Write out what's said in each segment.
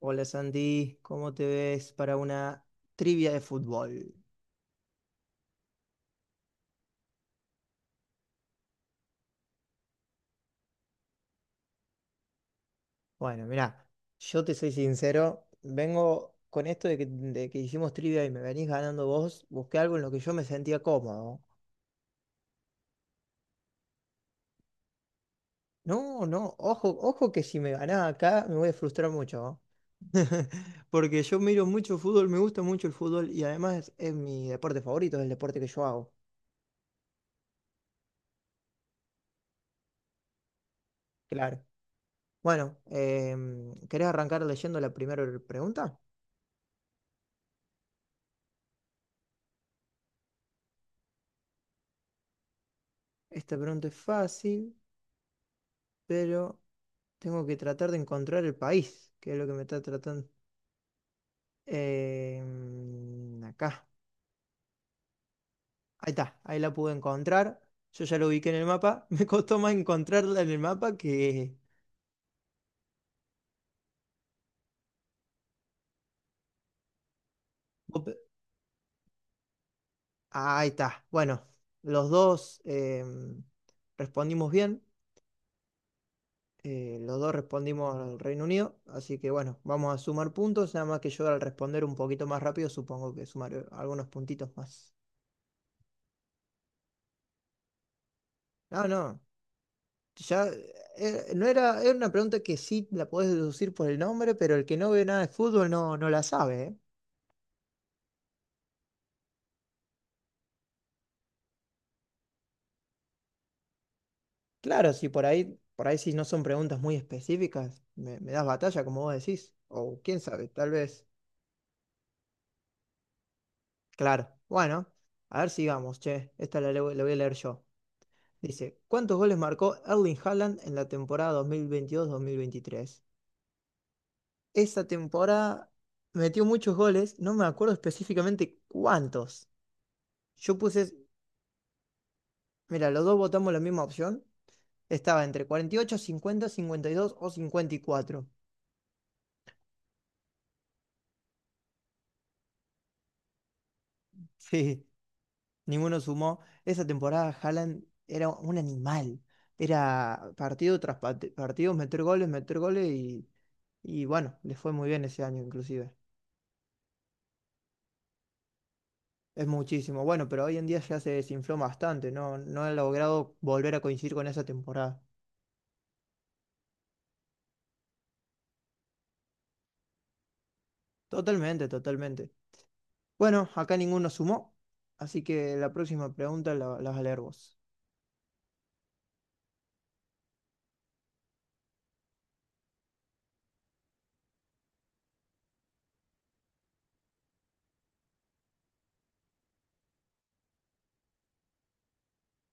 Hola Sandy, ¿cómo te ves para una trivia de fútbol? Bueno, mirá, yo te soy sincero, vengo con esto de que, hicimos trivia y me venís ganando vos, busqué algo en lo que yo me sentía cómodo. No, no, ojo, que si me ganás acá me voy a frustrar mucho, ¿no? Porque yo miro mucho fútbol, me gusta mucho el fútbol y además es mi deporte favorito, es el deporte que yo hago. Claro. Bueno, ¿querés arrancar leyendo la primera pregunta? Esta pregunta es fácil, pero tengo que tratar de encontrar el país, que es lo que me está tratando. Acá, ahí está, ahí la pude encontrar. Yo ya lo ubiqué en el mapa. Me costó más encontrarla en el mapa que... vos pe- Ah, ahí está. Bueno, los dos respondimos bien. Los dos respondimos al Reino Unido. Así que bueno, vamos a sumar puntos. Nada más que yo, al responder un poquito más rápido, supongo que sumaré algunos puntitos más. No, no. Ya, no era, era una pregunta que sí la podés deducir por el nombre, pero el que no ve nada de fútbol no, no la sabe, ¿eh? Claro, si por ahí, por ahí si no son preguntas muy específicas, me das batalla, como vos decís. O quién sabe, tal vez. Claro. Bueno, a ver, sigamos, che. Esta la, la voy a leer yo. Dice, ¿cuántos goles marcó Erling Haaland en la temporada dos mil veintidós mil veintitrés? Esa temporada metió muchos goles, no me acuerdo específicamente cuántos. Yo puse... Mira, los dos votamos la misma opción. Estaba entre 48, 50, 52 o 54. Sí, ninguno sumó. Esa temporada Haaland era un animal. Era partido tras partido, meter goles y bueno, le fue muy bien ese año inclusive. Es muchísimo. Bueno, pero hoy en día ya se desinfló bastante. No, no ha logrado volver a coincidir con esa temporada. Totalmente, totalmente. Bueno, acá ninguno sumó. Así que la próxima pregunta la, la vas a leer vos.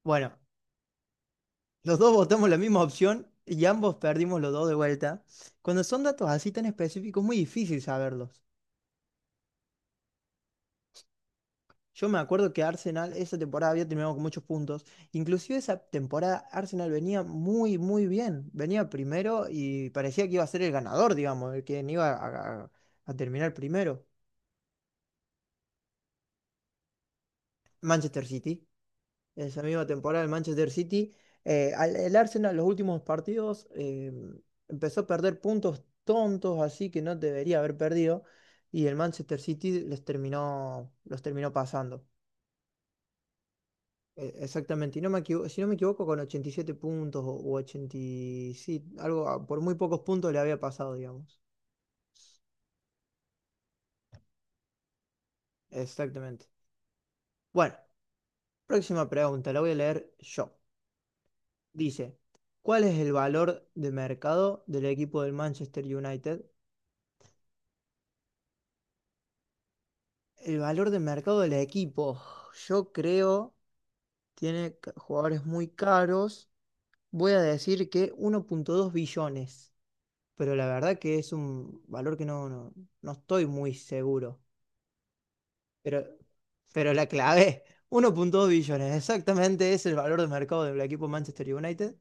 Bueno. Los dos votamos la misma opción y ambos perdimos los dos de vuelta. Cuando son datos así tan específicos, es muy difícil saberlos. Yo me acuerdo que Arsenal esa temporada había terminado con muchos puntos. Inclusive esa temporada Arsenal venía muy, muy bien. Venía primero y parecía que iba a ser el ganador, digamos, el que no iba a, a terminar primero. Manchester City, esa misma temporada el Manchester City. El Arsenal, los últimos partidos, empezó a perder puntos tontos, así que no debería haber perdido. Y el Manchester City les terminó, los terminó pasando. Exactamente. Y no me si no me equivoco, con 87 puntos o 87, algo, ah, por muy pocos puntos le había pasado, digamos. Exactamente. Bueno, próxima pregunta, la voy a leer yo. Dice, ¿cuál es el valor de mercado del equipo del Manchester United? El valor de mercado del equipo, yo creo, tiene jugadores muy caros. Voy a decir que 1.2 billones, pero la verdad que es un valor que no, no, no estoy muy seguro. Pero, pero la clave, 1.2 billones, exactamente es el valor de mercado del equipo Manchester United.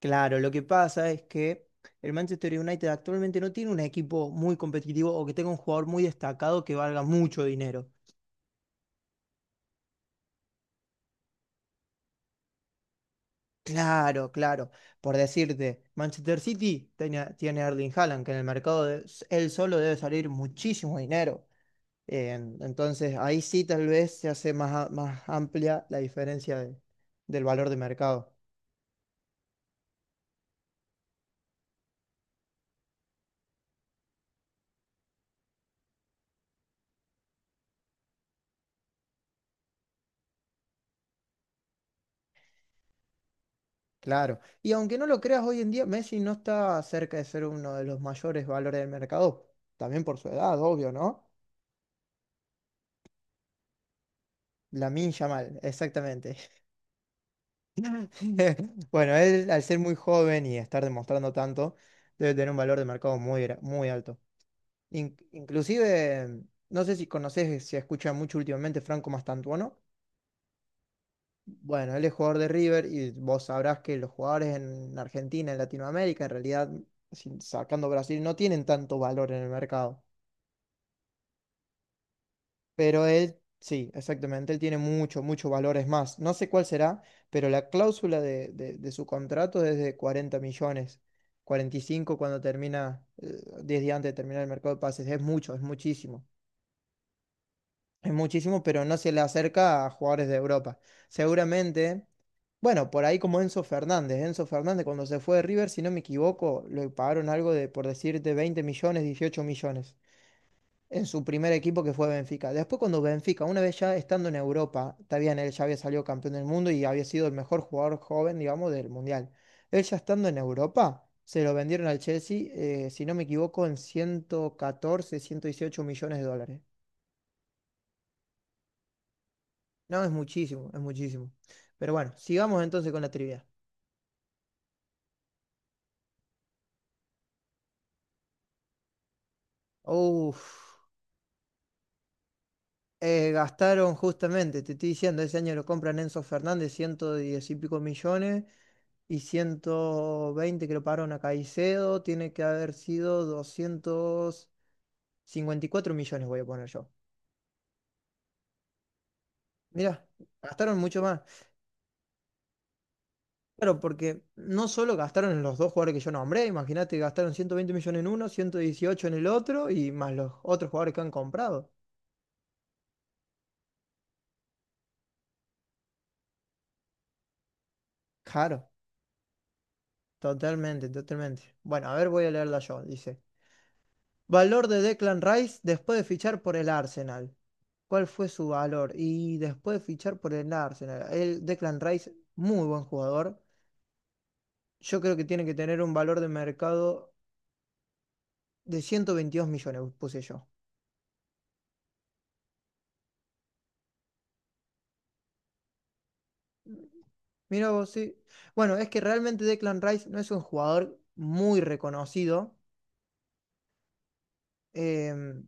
Claro, lo que pasa es que el Manchester United actualmente no tiene un equipo muy competitivo o que tenga un jugador muy destacado que valga mucho dinero. Claro, claro. Por decirte, Manchester City tiene, tiene a Erling Haaland, que en el mercado él solo debe salir muchísimo dinero. Entonces ahí sí tal vez se hace más, más amplia la diferencia del valor de mercado. Claro. Y aunque no lo creas, hoy en día Messi no está cerca de ser uno de los mayores valores del mercado. También por su edad, obvio, ¿no? Lamine Yamal, exactamente. Bueno, él, al ser muy joven y estar demostrando tanto, debe tener un valor de mercado muy, muy alto. Inclusive, no sé si conoces, se escucha mucho últimamente Franco Mastantuono. Bueno, él es jugador de River y vos sabrás que los jugadores en Argentina, en Latinoamérica, en realidad, sacando Brasil, no tienen tanto valor en el mercado. Pero él, sí, exactamente, él tiene mucho, mucho valor, es más. No sé cuál será, pero la cláusula de, de su contrato es de 40 millones, 45 cuando termina, 10 días antes de terminar el mercado de pases. Es mucho, es muchísimo. Es muchísimo, pero no se le acerca a jugadores de Europa. Seguramente, bueno, por ahí como Enzo Fernández. Enzo Fernández cuando se fue de River, si no me equivoco, le pagaron algo de, por decirte, 20 millones, 18 millones en su primer equipo que fue Benfica. Después, cuando Benfica, una vez ya estando en Europa, está bien, él ya había salido campeón del mundo y había sido el mejor jugador joven, digamos, del Mundial. Él, ya estando en Europa, se lo vendieron al Chelsea, si no me equivoco, en 114 118 millones de dólares. No, es muchísimo, es muchísimo. Pero bueno, sigamos entonces con la trivia. Uf, gastaron justamente, te estoy diciendo, ese año lo compran Enzo Fernández, 110 y pico millones. Y 120 creo pagaron a Caicedo, tiene que haber sido 254 millones, voy a poner yo. Mirá, gastaron mucho más. Claro, porque no solo gastaron en los dos jugadores que yo nombré, imagínate, gastaron 120 millones en uno, 118 en el otro y más los otros jugadores que han comprado. Claro, totalmente, totalmente. Bueno, a ver, voy a leerla yo, dice. Valor de Declan Rice después de fichar por el Arsenal. ¿Cuál fue su valor? Y después de fichar por el Arsenal. El Declan Rice, muy buen jugador. Yo creo que tiene que tener un valor de mercado de 122 millones, puse yo. Mira vos, sí. Bueno, es que realmente Declan Rice no es un jugador muy reconocido. Em,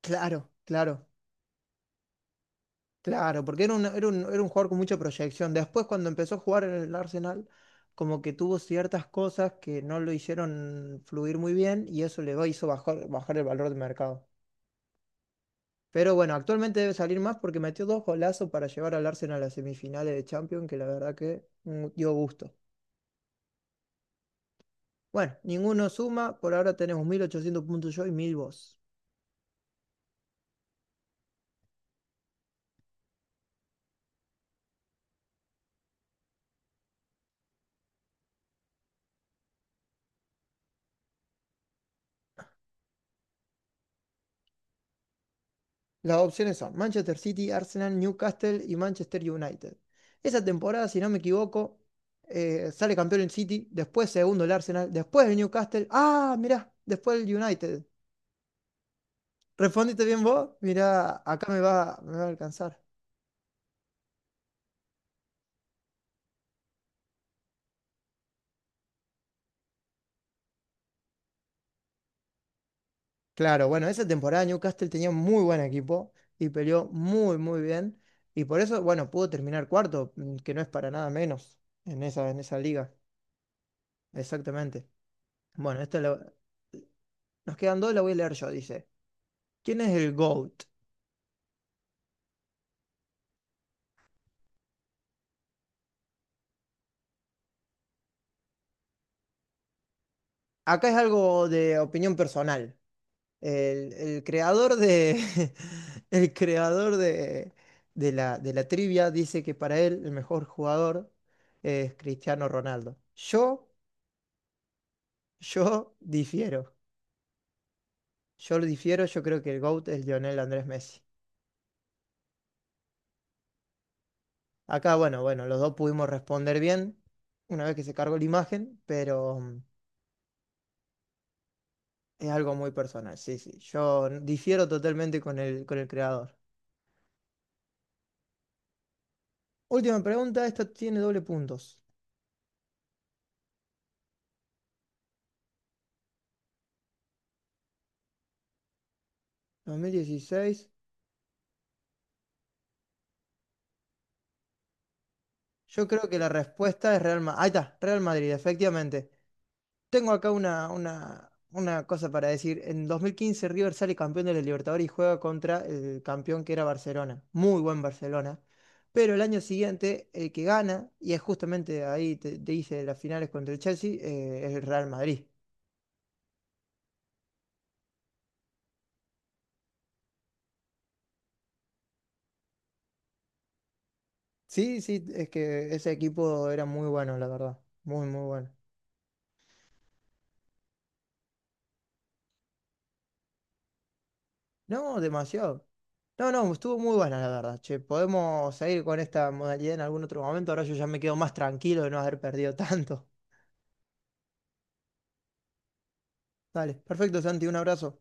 claro, claro. Claro, porque era un, era un, era un jugador con mucha proyección. Después, cuando empezó a jugar en el Arsenal, como que tuvo ciertas cosas que no lo hicieron fluir muy bien y eso le hizo bajar, bajar el valor de mercado. Pero bueno, actualmente debe salir más porque metió dos golazos para llevar al Arsenal a las semifinales de Champions, que la verdad que dio gusto. Bueno, ninguno suma, por ahora tenemos 1.800 puntos yo y 1.000 vos. Las opciones son Manchester City, Arsenal, Newcastle y Manchester United. Esa temporada, si no me equivoco, sale campeón el City, después segundo el Arsenal, después el Newcastle. Ah, mirá, después el United. ¿Respondiste bien vos? Mirá, acá me va a alcanzar. Claro, bueno, esa temporada Newcastle tenía un muy buen equipo y peleó muy, muy bien. Y por eso, bueno, pudo terminar cuarto, que no es para nada menos en esa liga. Exactamente. Bueno, nos quedan dos, la voy a leer yo, dice. ¿Quién es el GOAT? Acá es algo de opinión personal. El creador de, el creador de la trivia dice que para él el mejor jugador es Cristiano Ronaldo. Yo difiero. Yo lo difiero, yo creo que el GOAT es Lionel Andrés Messi. Acá, bueno, bueno, los dos pudimos responder bien una vez que se cargó la imagen, pero es algo muy personal. Sí, sí, yo difiero totalmente con el creador. Última pregunta, esta tiene doble puntos. 2016. Yo creo que la respuesta es Real Madrid. Ahí está, Real Madrid, efectivamente. Tengo acá una cosa para decir. En 2015 River sale campeón de la Libertadores y juega contra el campeón que era Barcelona. Muy buen Barcelona. Pero el año siguiente, el que gana, y es justamente ahí te, te hice las finales contra el Chelsea, es el Real Madrid. Sí, sí, es que ese equipo era muy bueno, la verdad. Muy, muy bueno. No, demasiado. No, no, estuvo muy buena la verdad. Che, podemos seguir con esta modalidad en algún otro momento. Ahora yo ya me quedo más tranquilo de no haber perdido tanto. Dale, perfecto, Santi, un abrazo.